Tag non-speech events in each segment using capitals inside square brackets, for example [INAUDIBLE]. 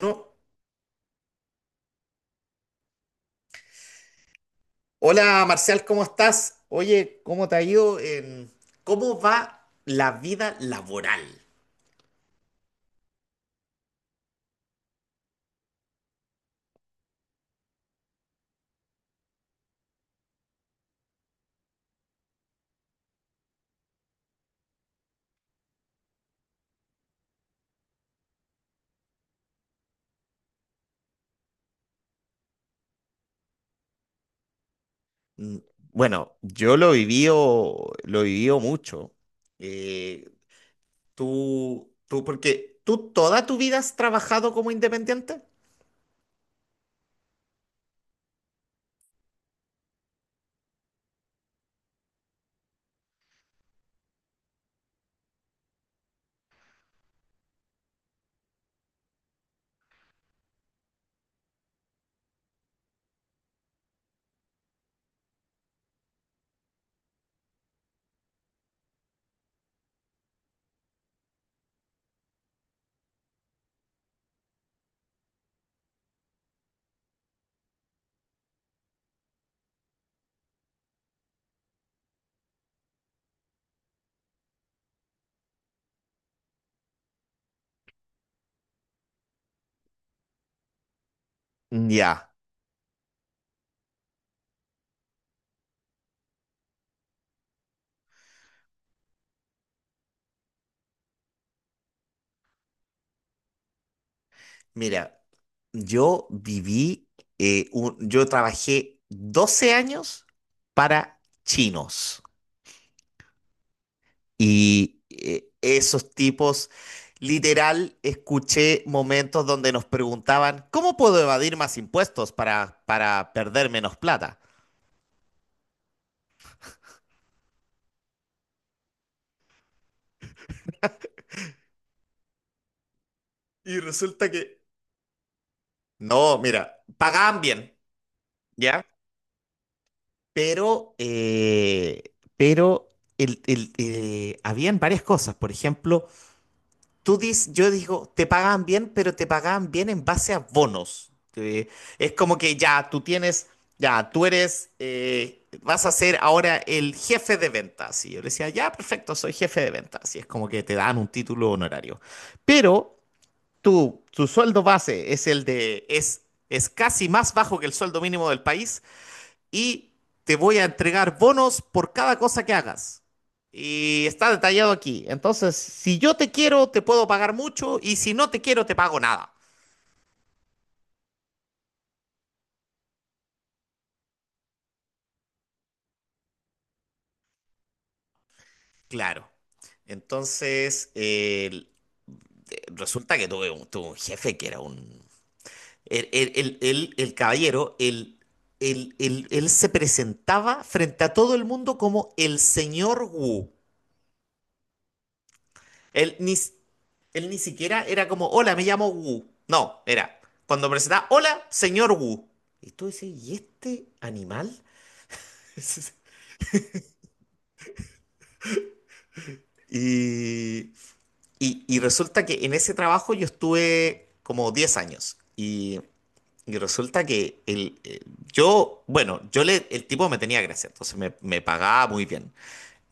No. Hola Marcial, ¿cómo estás? Oye, ¿cómo te ha ido? ¿Cómo va la vida laboral? Mm, Bueno, yo lo viví mucho. Eh, tú, porque tú toda tu vida has trabajado como independiente. Ya, mira, yo viví, yo trabajé 12 años para chinos. Y esos tipos, literal, escuché momentos donde nos preguntaban, ¿cómo puedo evadir más impuestos para perder menos plata? Y resulta que, no, mira, pagaban bien, ¿ya? Pero, eh, pero habían varias cosas. Por ejemplo, tú dices, yo digo, te pagaban bien, pero te pagaban bien en base a bonos. Es como que ya tú tienes, ya tú eres, vas a ser ahora el jefe de ventas. Y yo le decía, ya, perfecto, soy jefe de ventas. Y es como que te dan un título honorario. Pero tu sueldo base es es casi más bajo que el sueldo mínimo del país y te voy a entregar bonos por cada cosa que hagas. Y está detallado aquí. Entonces, si yo te quiero, te puedo pagar mucho y si no te quiero, te pago nada. Claro. Entonces, resulta que tuve un jefe que era un... El caballero, él se presentaba frente a todo el mundo como el señor Wu. Él ni, s- Él ni siquiera era como, hola, me llamo Wu. No, era, cuando presentaba, hola, señor Wu. Y tú dices, ¿y este animal? [LAUGHS] Y, y resulta que en ese trabajo yo estuve como 10 años. Y resulta que el, yo, bueno, yo le, el tipo me tenía gracia, entonces me pagaba muy bien.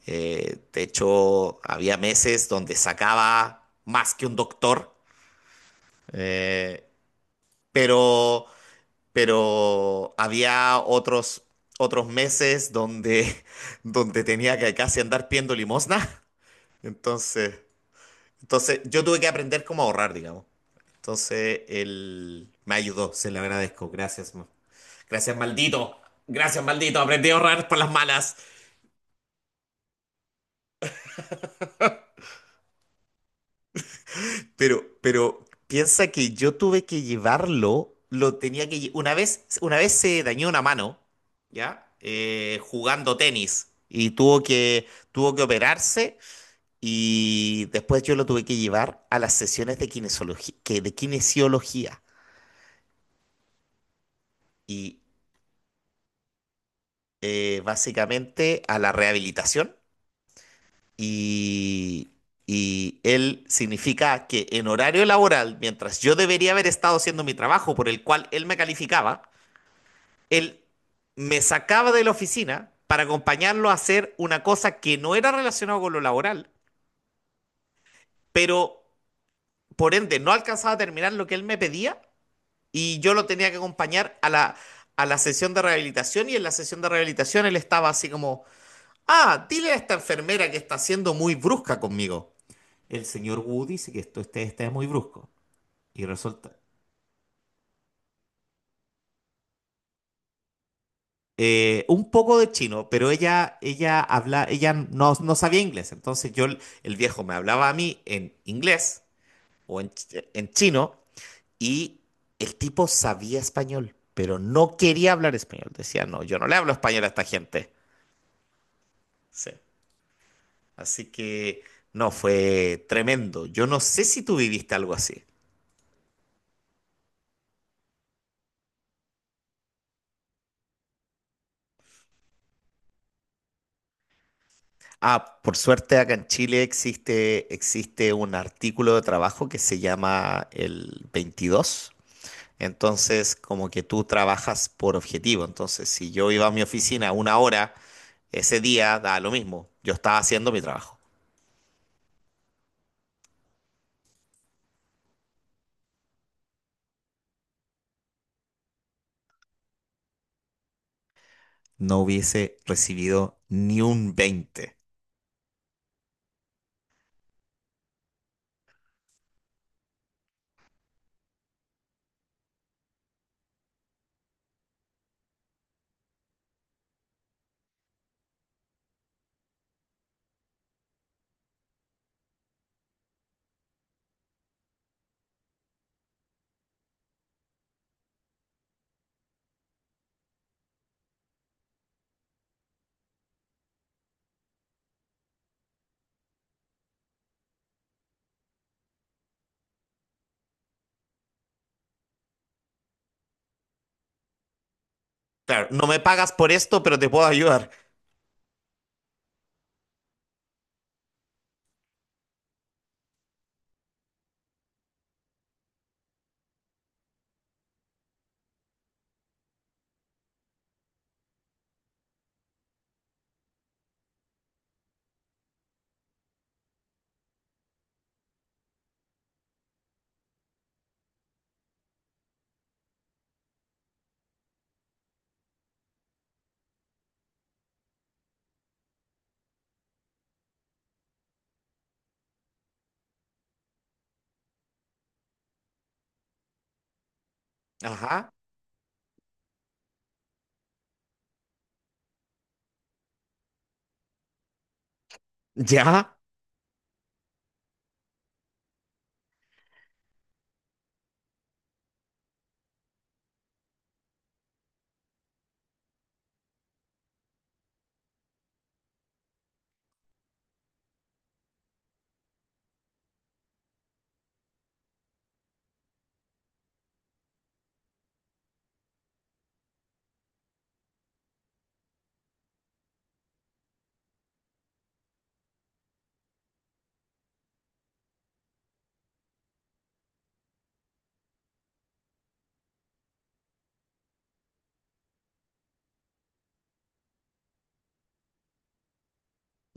De hecho, había meses donde sacaba más que un doctor. eh, pero pero había otros meses donde, [LAUGHS] donde tenía que casi andar pidiendo limosna. Entonces, entonces, yo tuve que aprender cómo ahorrar, digamos. Entonces él me ayudó, se lo agradezco. Gracias, maldito. Gracias, maldito. Aprendí a ahorrar por las malas. Pero piensa que yo tuve que llevarlo. Lo tenía que una vez se dañó una mano, ¿ya? Jugando tenis y tuvo que operarse. Y después yo lo tuve que llevar a las sesiones de kinesiología, y básicamente a la rehabilitación. Y, y él significa que en horario laboral, mientras yo debería haber estado haciendo mi trabajo por el cual él me calificaba, él me sacaba de la oficina para acompañarlo a hacer una cosa que no era relacionada con lo laboral, pero por ende no alcanzaba a terminar lo que él me pedía y yo lo tenía que acompañar a la sesión de rehabilitación, y en la sesión de rehabilitación él estaba así como, ah, dile a esta enfermera que está siendo muy brusca conmigo. El señor Wu dice que este es muy brusco. Y resulta un poco de chino, pero ella habla, ella no, no sabía inglés, entonces yo, el viejo me hablaba a mí en inglés o en chino, y el tipo sabía español, pero no quería hablar español. Decía, no, yo no le hablo español a esta gente. Sí. Así que no, fue tremendo. Yo no sé si tú viviste algo así. Ah, por suerte acá en Chile existe, existe un artículo de trabajo que se llama el 22. Entonces, como que tú trabajas por objetivo. Entonces, si yo iba a mi oficina una hora, ese día da lo mismo. Yo estaba haciendo mi trabajo. No hubiese recibido ni un 20. Claro, no me pagas por esto, pero te puedo ayudar. Ajá. Ya.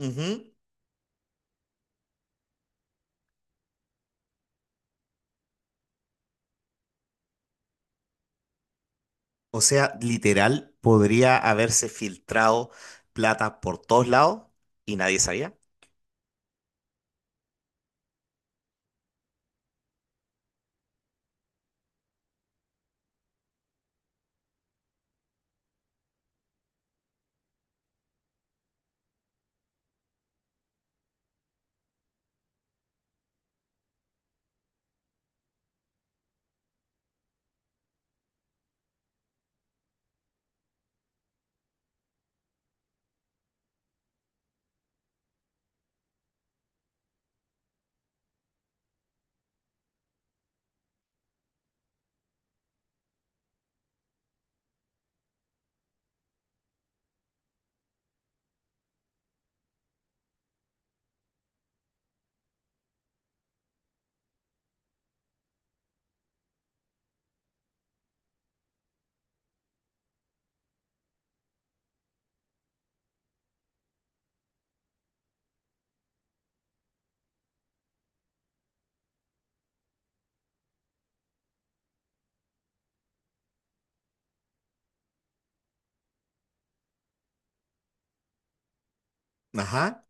Ujú. O sea, literal, podría haberse filtrado plata por todos lados y nadie sabía. Ajá.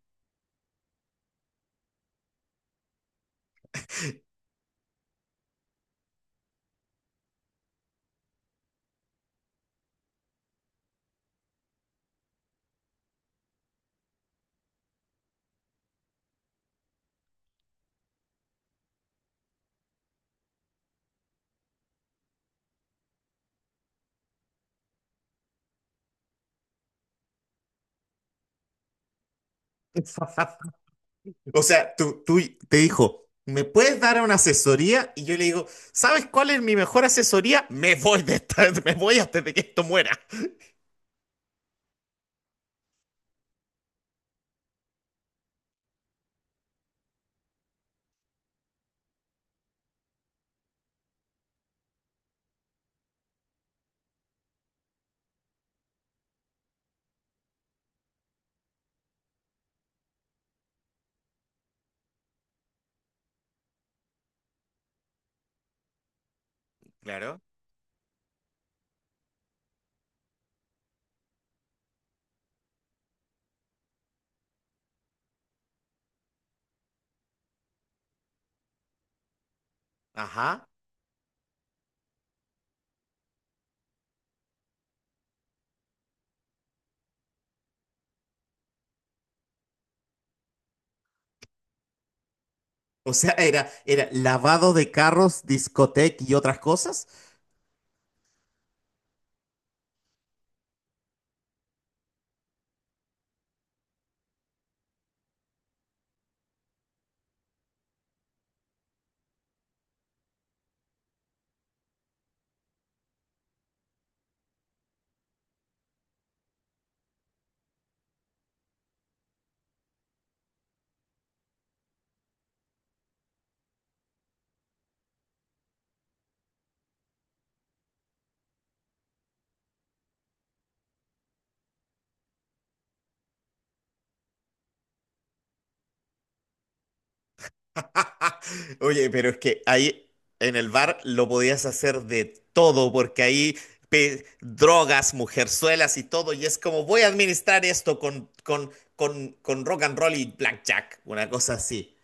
[LAUGHS] O sea, tú te dijo, ¿me puedes dar una asesoría? Y yo le digo, ¿sabes cuál es mi mejor asesoría? Me voy de [LAUGHS] me voy antes de que esto muera. Claro. Ajá. O sea, era lavado de carros, discoteca y otras cosas. [LAUGHS] Oye, pero es que ahí en el bar lo podías hacer de todo, porque ahí drogas, mujerzuelas y todo, y es como voy a administrar esto con rock and roll y blackjack, una cosa así.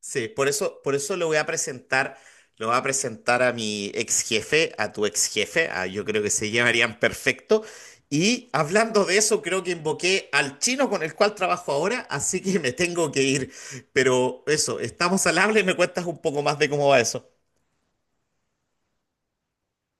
Sí, por eso lo voy a presentar, lo voy a presentar a mi ex jefe, a tu ex jefe, yo creo que se llevarían perfecto. Y hablando de eso, creo que invoqué al chino con el cual trabajo ahora, así que me tengo que ir. Pero eso, estamos al habla y me cuentas un poco más de cómo va eso.